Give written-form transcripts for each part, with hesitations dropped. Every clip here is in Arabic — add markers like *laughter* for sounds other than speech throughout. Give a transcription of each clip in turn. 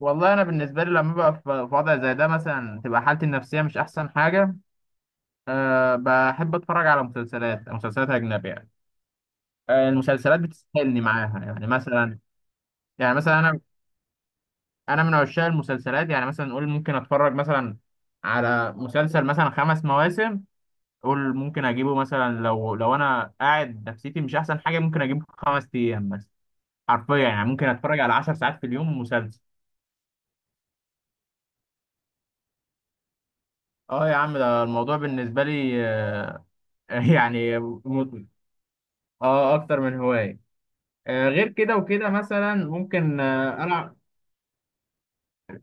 والله انا بالنسبه لي لما ببقى في وضع زي ده مثلا تبقى حالتي النفسيه مش احسن حاجه. أه بحب اتفرج على مسلسلات مسلسلات اجنبيه يعني. أه المسلسلات بتسحلني معاها يعني مثلا. يعني مثلا انا من عشاق المسلسلات، يعني مثلا نقول ممكن اتفرج مثلا على مسلسل مثلا خمس مواسم. قول ممكن اجيبه مثلا لو انا قاعد نفسيتي مش احسن حاجه، ممكن اجيبه في خمس ايام مثلا. حرفيا يعني ممكن اتفرج على عشر ساعات في اليوم مسلسل. اه يا عم، ده الموضوع بالنسبه لي *laughs* يعني. اه، اكتر من هواية. آه غير كده وكده مثلا ممكن العب.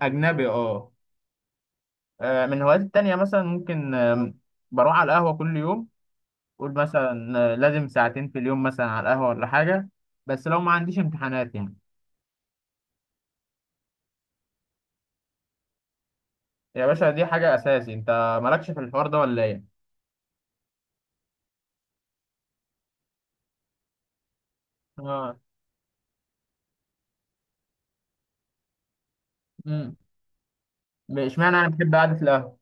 اجنبي، اه. من هواياتي التانية مثلا ممكن بروح على القهوة كل يوم. قول مثلا لازم ساعتين في اليوم مثلا على القهوة ولا حاجة. بس لو ما عنديش امتحانات يعني. يا باشا، دي حاجة اساسي، انت مالكش في الحوار ده ولا ايه؟ اه. امم اشمعنى انا بحب قعدة القهوة.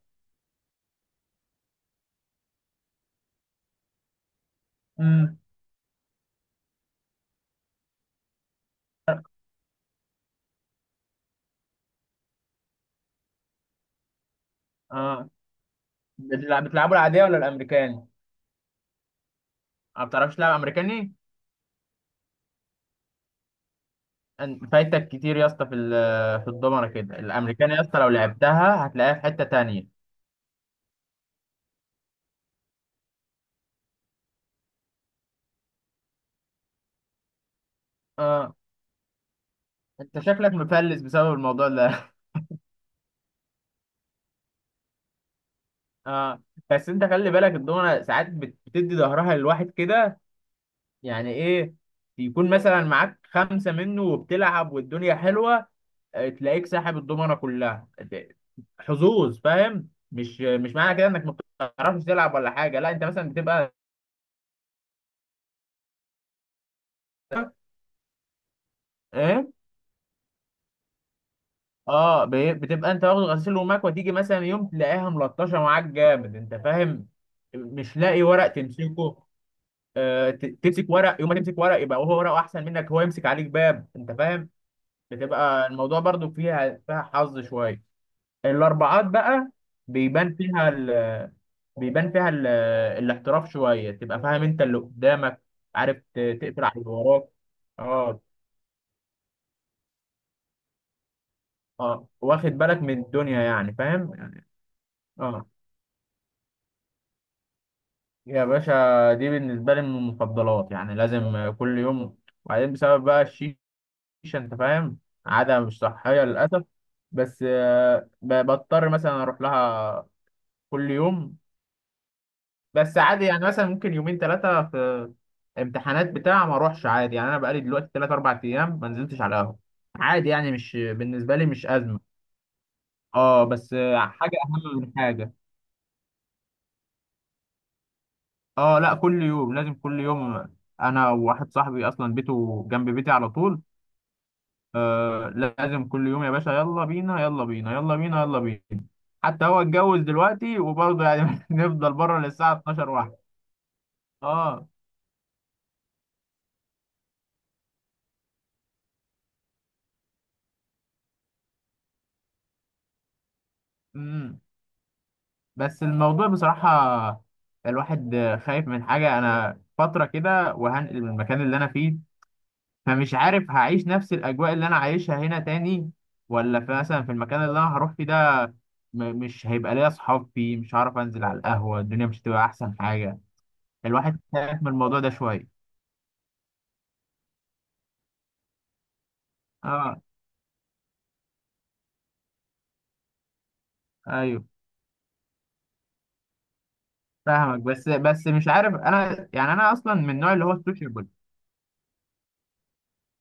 امم. اه، بتلعبوا العادية ولا الامريكاني؟ ما بتعرفش تلعب امريكاني؟ فايتك كتير يا اسطى في في الضمنه كده الامريكان يا اسطى، لو لعبتها هتلاقيها في حته تانية. اه، انت شكلك مفلس بسبب الموضوع ده. *laughs* اه. بس انت خلي بالك الضمنه ساعات بتدي ظهرها للواحد كده. يعني ايه؟ يكون مثلا معاك خمسه منه وبتلعب والدنيا حلوه، تلاقيك ساحب الضمنه كلها حظوظ، فاهم؟ مش معنى كده انك ما بتعرفش تلعب ولا حاجه، لا انت مثلا بتبقى ايه. اه بتبقى انت واخد غسيل ومكوى، تيجي مثلا يوم تلاقيها ملطشه معاك جامد انت فاهم. مش لاقي ورق تمسكه. آه تمسك ورق، يوم ما تمسك ورق يبقى هو ورقه احسن منك، هو يمسك عليك باب انت فاهم. بتبقى الموضوع برضو فيها حظ شويه. الاربعات بقى بيبان فيها ال... بيبان فيها ال... الاحتراف شويه، تبقى فاهم انت اللي قدامك، عارف تقفل على اللي وراك. اه. اه، واخد بالك من الدنيا يعني فاهم يعني. اه يا باشا، دي بالنسبة لي من المفضلات، يعني لازم كل يوم. وبعدين بسبب بقى الشيشة، أنت فاهم، عادة مش صحية للأسف. بس بضطر مثلا أروح لها كل يوم. بس عادي يعني، مثلا ممكن يومين ثلاثة في امتحانات بتاع ما أروحش عادي يعني. أنا بقالي دلوقتي ثلاث أربع أيام ما نزلتش على القهوة، عادي يعني، مش بالنسبة لي مش أزمة. أه، بس حاجة أهم من حاجة. أه لا، كل يوم لازم كل يوم. أنا وواحد صاحبي أصلا بيته جنب بيتي على طول. آه، لازم كل يوم يا باشا، يلا بينا يلا بينا يلا بينا يلا بينا. حتى هو اتجوز دلوقتي وبرضه يعني *laughs* نفضل بره للساعة 12 واحدة. اه. امم بس الموضوع بصراحة، الواحد خايف من حاجة، انا فترة كده وهنقل من المكان اللي انا فيه، فمش عارف هعيش نفس الاجواء اللي انا عايشها هنا تاني ولا في مثلا في المكان اللي انا هروح فيه ده مش هيبقى ليا اصحاب فيه، مش هعرف انزل على القهوة، الدنيا مش هتبقى احسن حاجة. الواحد خايف من الموضوع ده شوية. اه، ايوه. فاهمك، بس بس مش عارف انا يعني، انا اصلا من النوع اللي هو السوشيبل.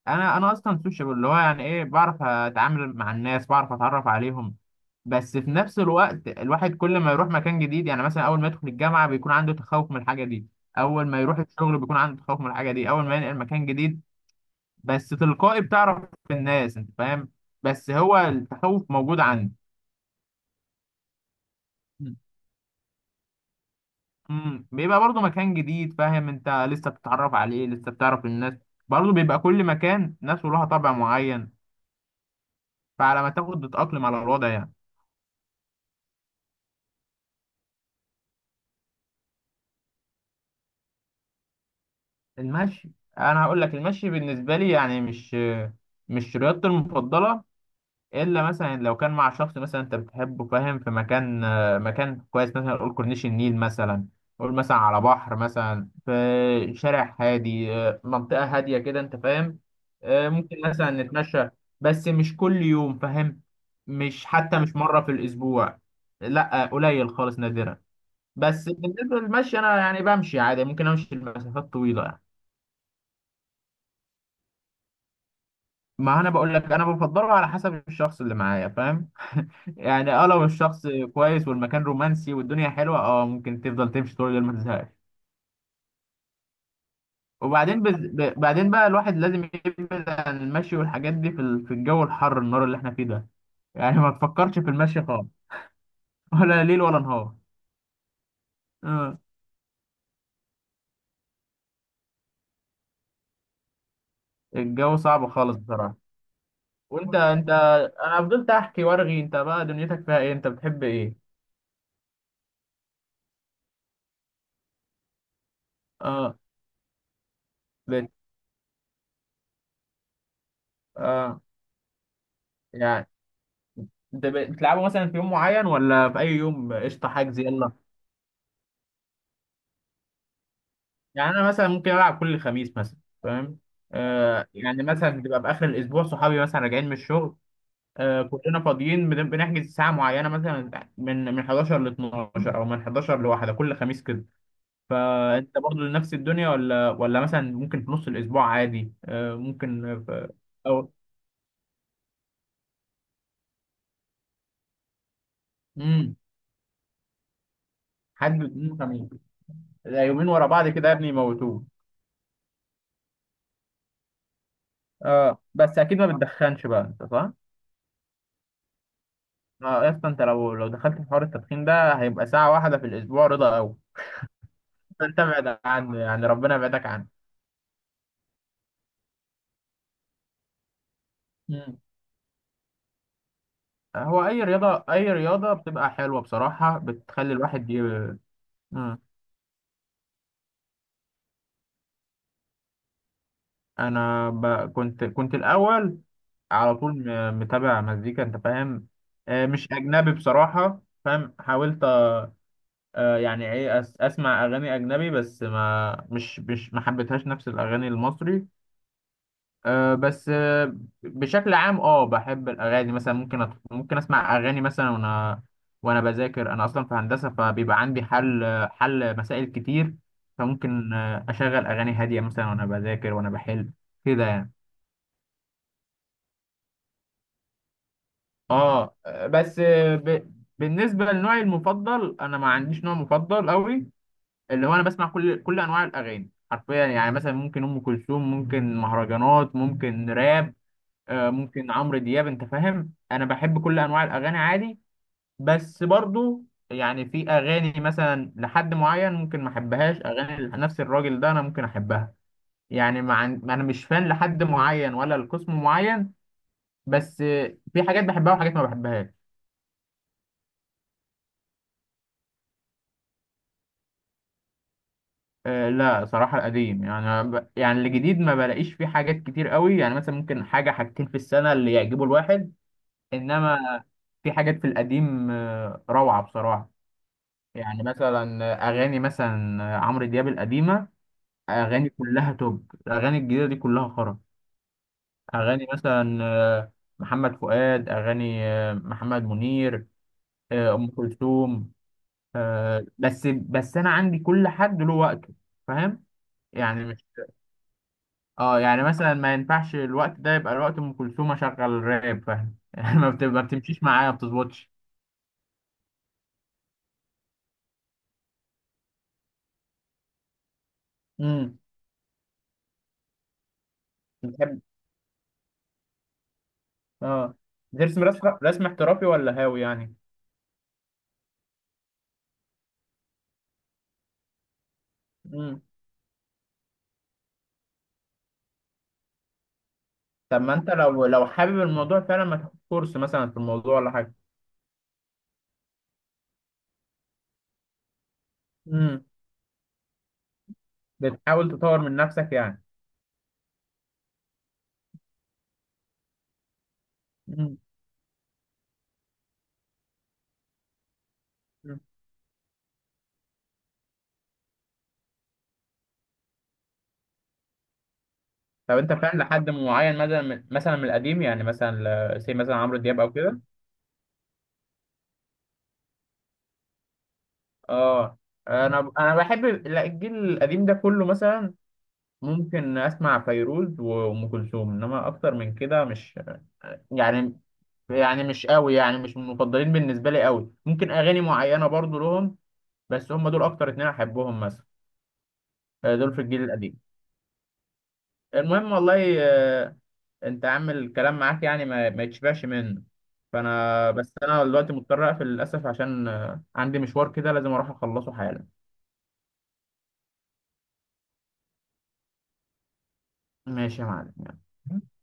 انا اصلا سوشيبل، اللي هو يعني ايه، بعرف اتعامل مع الناس، بعرف اتعرف عليهم. بس في نفس الوقت الواحد كل ما يروح مكان جديد، يعني مثلا اول ما يدخل الجامعه بيكون عنده تخوف من الحاجه دي، اول ما يروح الشغل بيكون عنده تخوف من الحاجه دي، اول ما ينقل مكان جديد. بس تلقائي بتعرف الناس انت فاهم. بس هو التخوف موجود عندي. بيبقى برضه مكان جديد، فاهم، انت لسه بتتعرف عليه لسه بتعرف الناس. برضه بيبقى كل مكان ناس ولها طبع معين، فعلى ما تاخد تتأقلم على الوضع يعني. المشي، انا هقول لك المشي بالنسبة لي يعني مش رياضتي المفضلة. الا مثلا لو كان مع شخص مثلا انت بتحبه فاهم في مكان، مكان كويس مثلا قول كورنيش النيل مثلا، قول مثلا على بحر مثلا في شارع هادي، منطقة هادية كده انت فاهم. ممكن مثلا نتمشى. بس مش كل يوم فاهم، مش حتى مش مرة في الأسبوع، لا قليل خالص، نادرا. بس بالنسبة للمشي أنا يعني بمشي عادي، ممكن أمشي لمسافات طويلة. ما انا بقول لك انا بفضله على حسب الشخص اللي معايا فاهم *laughs* يعني. اه لو الشخص كويس والمكان رومانسي والدنيا حلوه، اه ممكن تفضل تمشي طول الليل ما تزهقش. بعدين بقى الواحد لازم يبعد عن المشي والحاجات دي في في الجو الحر النار اللي احنا فيه ده. يعني ما تفكرش في المشي خالص. *laughs* ولا ليل ولا نهار. آه. الجو صعب خالص بصراحه. وانت انا فضلت احكي وارغي، انت بقى دنيتك فيها ايه؟ انت بتحب ايه؟ اه بت... اه يعني انت بتلعبه مثلا في يوم معين ولا في اي يوم قشطه حجز يلا؟ يعني انا مثلا ممكن العب كل خميس مثلا فاهم. آه يعني مثلا بتبقى في اخر الاسبوع، صحابي مثلا راجعين من الشغل، آه كلنا فاضيين بنحجز ساعه معينه مثلا، من 11 ل 12 او من 11 لواحده كل خميس كده. فانت برضه نفس الدنيا ولا مثلا ممكن في نص الاسبوع عادي آه ممكن في. او. امم. حد يوم خميس. لا، يومين ورا بعض كده يا ابني يموتوه. آه بس اكيد ما بتدخنش بقى انت، صح؟ اه يا اسطى، انت لو دخلت في حوار التدخين ده هيبقى ساعة واحدة في الأسبوع رضا أوي. فأنت ابعد عنه يعني، ربنا يبعدك عنه. مم. هو أي رياضة، أي رياضة بتبقى حلوة بصراحة، بتخلي الواحد ي... مم. أنا ب... كنت الأول على طول، متابع مزيكا أنت فاهم. مش أجنبي بصراحة فاهم، حاولت، يعني إيه، أسمع أغاني أجنبي بس ما مش ما حبيتهاش نفس الأغاني المصري. أه، بس أه بشكل عام اه بحب الاغاني، مثلا ممكن ممكن اسمع اغاني مثلا وانا بذاكر، انا اصلا في هندسه فبيبقى عندي حل مسائل كتير. فممكن اشغل اغاني هاديه مثلا وانا بذاكر وانا بحل كده يعني. اه بالنسبه لنوعي المفضل انا ما عنديش نوع مفضل قوي. اللي هو انا بسمع كل انواع الاغاني حرفيا، يعني مثلا ممكن ام كلثوم، ممكن مهرجانات، ممكن راب، ممكن عمرو دياب انت فاهم، انا بحب كل انواع الاغاني عادي. بس برضو يعني في اغاني مثلا لحد معين ممكن ما احبهاش، اغاني نفس الراجل ده انا ممكن احبها. يعني مع انا مش فان لحد معين ولا لقسم معين. بس في حاجات بحبها وحاجات ما بحبهاش. لا صراحة القديم، يعني الجديد ما بلاقيش فيه حاجات كتير قوي، يعني مثلا ممكن حاجة حاجتين في السنة اللي يعجبوا الواحد. انما في حاجات في القديم روعة بصراحة. يعني مثلا اغاني مثلا عمرو دياب القديمه، اغاني كلها توب. الاغاني الجديده دي كلها خرا. اغاني مثلا محمد فؤاد، اغاني محمد منير، ام كلثوم. بس بس انا عندي كل حد له وقته، فاهم. يعني مش اه، يعني مثلا ما ينفعش الوقت ده يبقى الوقت ام كلثوم اشغل راب فاهم *laughs* يعني ما ما بتمشيش معايا ما بتظبطش. امم. بتحب. اه بترسم، رسم احترافي ولا هاوي يعني؟ طب ما انت لو حابب الموضوع فعلا ما تاخد كورس مثلا في الموضوع ولا حاجه. امم. بتحاول تطور من نفسك يعني. امم. طب انت فعلا لحد معين مثلا من، مثلا من القديم يعني مثلا زي مثلا عمرو دياب او كده؟ اه انا بحب، لا، الجيل القديم ده كله مثلا ممكن اسمع فيروز وام كلثوم، انما اكتر من كده مش يعني يعني مش قوي، يعني مش من المفضلين بالنسبه لي قوي، ممكن اغاني معينه برضو لهم بس هم دول اكتر اتنين احبهم مثلا، دول في الجيل القديم. المهم والله انت عامل الكلام معاك يعني ما يتشبعش منه. فانا بس انا دلوقتي مضطر اقفل للاسف، عشان عندي مشوار كده لازم اروح اخلصه حالا. ماشي يا معلم يلا.